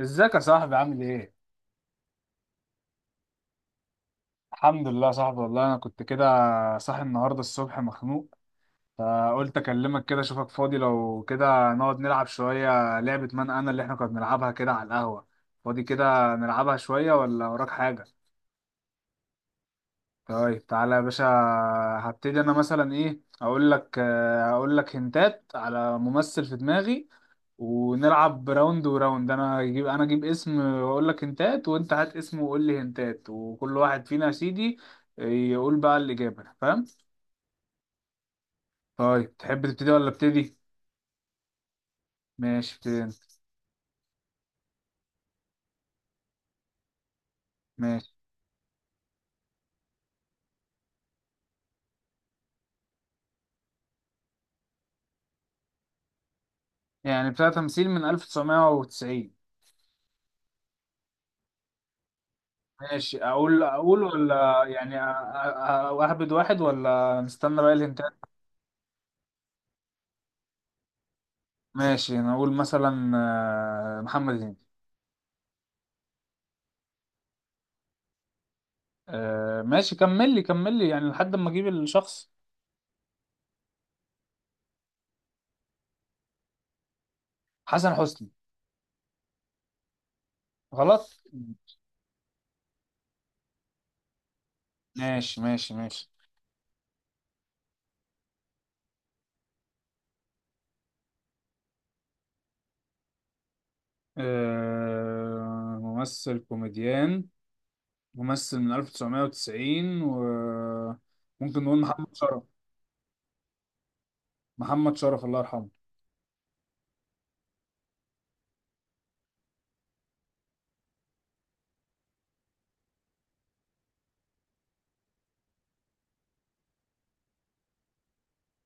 ازيك يا صاحبي؟ عامل ايه؟ الحمد لله يا صاحبي، والله انا كنت كده صاحي النهارده الصبح مخنوق، فقلت اكلمك كده اشوفك فاضي لو كده نقعد نلعب شوية لعبة من انا اللي احنا كنا بنلعبها كده على القهوة. فاضي كده نلعبها شوية ولا وراك حاجة؟ طيب تعالى يا باشا. هبتدي انا مثلا ايه، اقول لك اقول لك هنتات على ممثل في دماغي، ونلعب راوند وراوند. انا اجيب اسم واقول لك هنتات، وانت هات اسم وقول لي هنتات، وكل واحد فينا يا سيدي يقول بقى الإجابة. فاهم؟ طيب تحب تبتدي ولا ابتدي؟ ماشي ابتدي انت. ماشي، يعني بتاع تمثيل من 1990. ماشي، اقول ولا يعني اهبد واحد ولا نستنى بقى الهنتات؟ ماشي انا اقول مثلا محمد هنيدي. ماشي، كمل لي كمل لي يعني لحد ما اجيب الشخص. حسن حسني. غلط. ماشي ماشي ماشي. آه ممثل كوميديان، ممثل من 1990، وممكن نقول محمد شرف. محمد شرف الله يرحمه.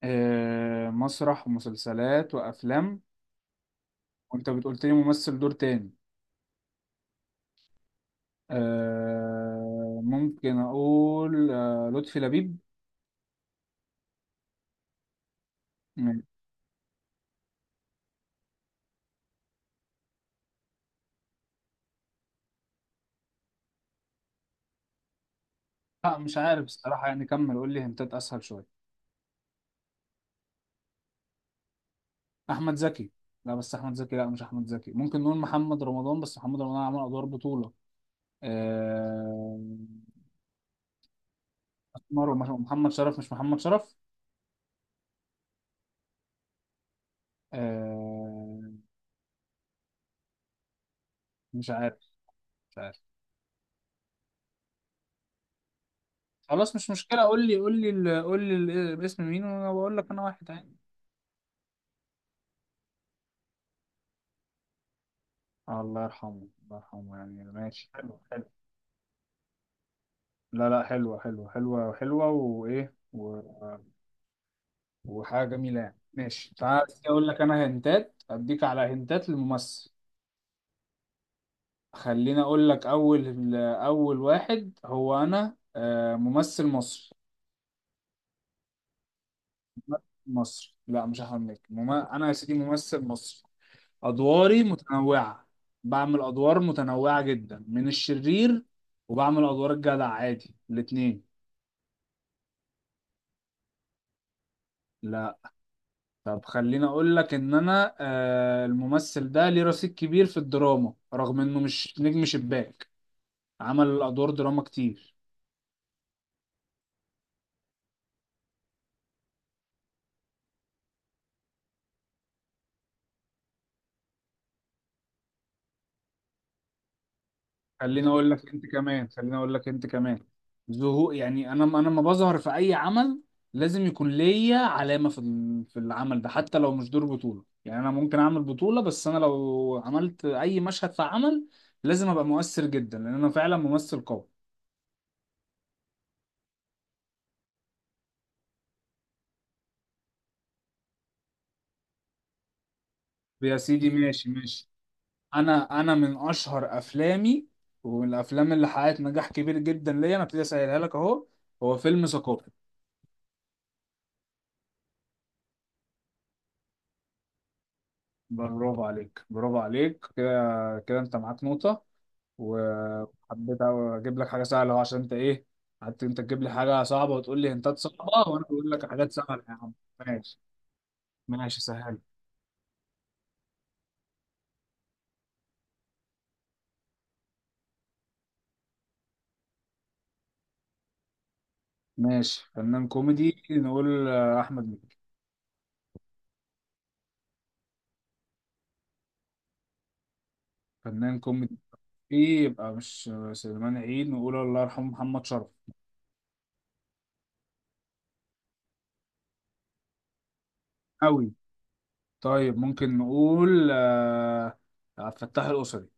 آه مسرح ومسلسلات وأفلام. وأنت بتقولت لي ممثل دور تاني. آه، ممكن أقول لطفي لبيب. م- لا مش عارف الصراحة، يعني كمل قول لي هنتات أسهل شوية. أحمد زكي. لا، بس أحمد زكي، لا مش أحمد زكي. ممكن نقول محمد رمضان، بس محمد رمضان عمل أدوار بطولة. آه، اسمر ومحمد شرف. مش محمد شرف. آه، مش عارف. مش عارف. خلاص مش مشكلة، قول لي قول لي قول لي اسم مين وانا بقول لك انا واحد عادي. الله يرحمه الله يرحمه، يعني ماشي حلو حلو. لا لا، حلوة حلوة حلوة حلوة وإيه وحاجة جميلة يعني. ماشي، تعال أقول لك أنا هنتات، أديك على هنتات للممثل. خليني أقول لك، أول أول واحد هو أنا ممثل مصري. مصر، لا مش احمد مكي. انا يا سيدي ممثل مصري، ادواري متنوعه. بعمل ادوار متنوعه جدا، من الشرير وبعمل ادوار الجدع عادي، الاتنين. لا. طب خليني اقول لك ان انا الممثل ده ليه رصيد كبير في الدراما، رغم انه مش نجم شباك. عمل ادوار دراما كتير. خليني اقول لك انت كمان خليني اقول لك انت كمان. ظهور يعني، انا لما بظهر في اي عمل لازم يكون ليا علامه في العمل ده. حتى لو مش دور بطوله، يعني انا ممكن اعمل بطوله، بس انا لو عملت اي مشهد في عمل لازم ابقى مؤثر جدا، لان انا فعلا ممثل قوي. يا سيدي ماشي ماشي. انا من اشهر افلامي، ومن الافلام اللي حققت نجاح كبير جدا ليا، انا ابتدي اسهلها لك اهو. هو فيلم ثقافي. برافو عليك برافو عليك، كده كده انت معاك نقطه. وحبيت أوي اجيب لك حاجه سهله أهو، عشان انت ايه، قعدت انت تجيب لي حاجه صعبه وتقول لي هنتات صعبه، وانا بقول لك حاجات سهله يا عم. ماشي. ماشي سهل. ماشي، فنان كوميدي نقول احمد مكي. فنان كوميدي. ايه، يبقى مش سليمان عيد. نقول الله يرحمه محمد شرف. قوي. طيب ممكن نقول عبد الفتاح القصري.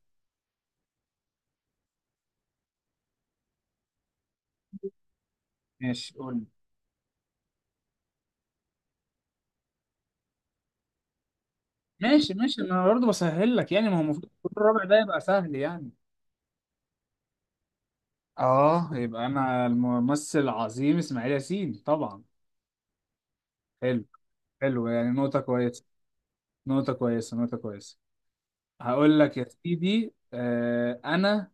ماشي قول لي. ماشي ماشي، ما انا برضه بسهل لك، يعني ما هو المفروض الرابع ده يبقى سهل يعني. اه، يبقى انا الممثل العظيم اسماعيل ياسين طبعا. حلو. حلو، يعني نقطة كويسة. نقطة كويسة نقطة كويسة. هقول لك يا سيدي، انا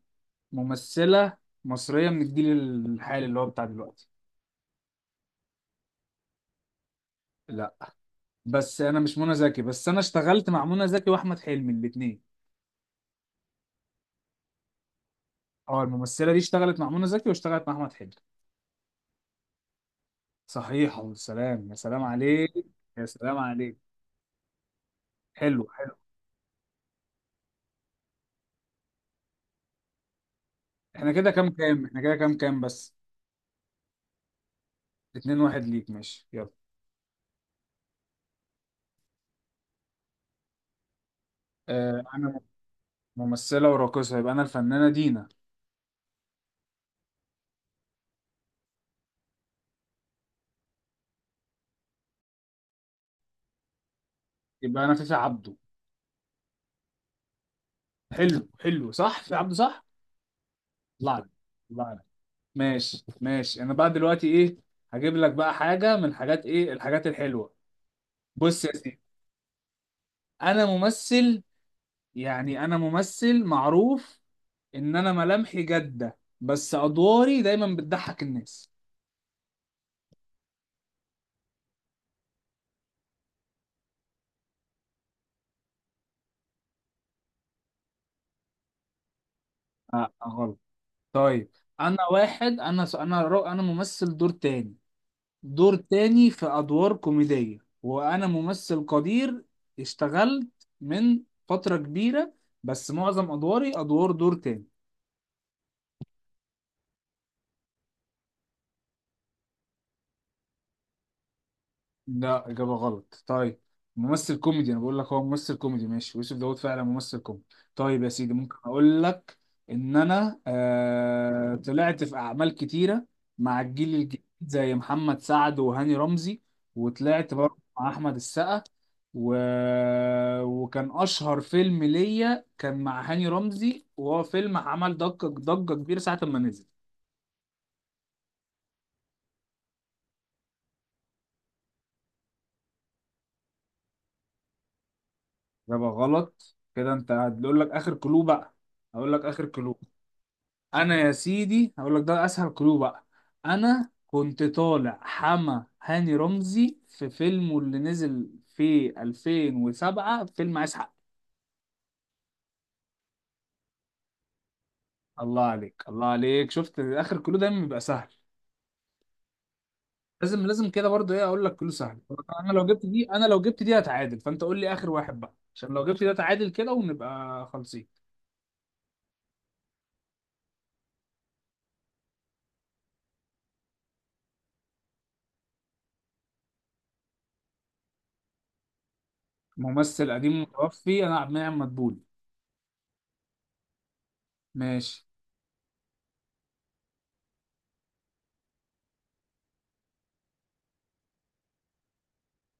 ممثلة مصرية من الجيل الحالي، اللي هو بتاع دلوقتي. لا، بس انا مش منى زكي، بس انا اشتغلت مع منى زكي واحمد حلمي الاثنين. اه، الممثلة دي اشتغلت مع منى زكي واشتغلت مع احمد حلمي. صحيح، يا سلام يا سلام عليك. يا سلام عليك. حلو حلو. احنا كده كام كام؟ بس. اتنين واحد ليك، ماشي يلا. انا ممثله وراقصه، يبقى انا الفنانه دينا. يبقى انا فيفي عبده. حلو حلو، صح فيفي عبده، صح. طلع لك. طلع لك. ماشي ماشي، انا بقى دلوقتي ايه، هجيب لك بقى حاجه من حاجات ايه، الحاجات الحلوه. بص يا سيدي، انا ممثل، يعني انا ممثل معروف ان انا ملامحي جاده بس ادواري دايما بتضحك الناس. غلط. طيب انا واحد، انا ممثل دور تاني، دور تاني في أدوار كوميدية، وأنا ممثل قدير. اشتغلت من فترة كبيرة، بس معظم أدواري أدوار دور تاني. لا، إجابة غلط. طيب ممثل كوميدي، أنا بقول لك هو ممثل كوميدي. ماشي يوسف داوود فعلا ممثل كوميدي. طيب يا سيدي، ممكن أقول لك إن أنا طلعت في أعمال كتيرة مع الجيل الجديد، زي محمد سعد وهاني رمزي. وطلعت برضه مع أحمد السقا و... وكان أشهر فيلم ليا كان مع هاني رمزي، وهو فيلم عمل ضجة كبيرة ساعة ما نزل. إجابة غلط. كده أنت هتقول لك آخر كلو بقى. هقول لك آخر كلو. انا يا سيدي هقول لك ده اسهل كلو بقى. انا كنت طالع حما هاني رمزي في فيلمه اللي نزل في 2007، فيلم عايز حق. الله عليك الله عليك، شفت اخر كلو دايما بيبقى سهل. لازم لازم كده، برضه ايه اقول لك كلو سهل. انا لو جبت دي هتعادل، فانت قول لي اخر واحد بقى، عشان لو جبت ده تعادل كده ونبقى خالصين. ممثل قديم متوفي، انا عبد المنعم مدبولي. ماشي.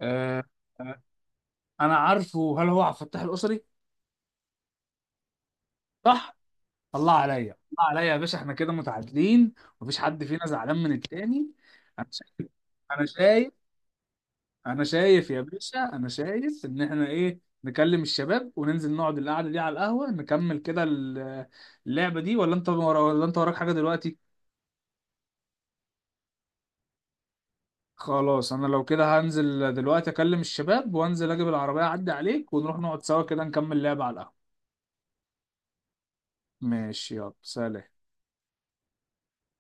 أه. آه، انا عارفه، هل هو عبد الفتاح القصري؟ صح. الله عليا. الله عليا يا باشا، احنا كده متعادلين، مفيش حد فينا زعلان من التاني. انا شايف انا شايف انا شايف يا باشا، انا شايف ان احنا ايه، نكلم الشباب وننزل نقعد القعده دي على القهوه، نكمل كده اللعبه دي. ولا انت ولا انت وراك حاجه دلوقتي؟ خلاص، انا لو كده هنزل دلوقتي اكلم الشباب، وانزل اجيب العربيه، اعدي عليك، ونروح نقعد سوا كده نكمل لعبه على القهوه. ماشي يلا سلام.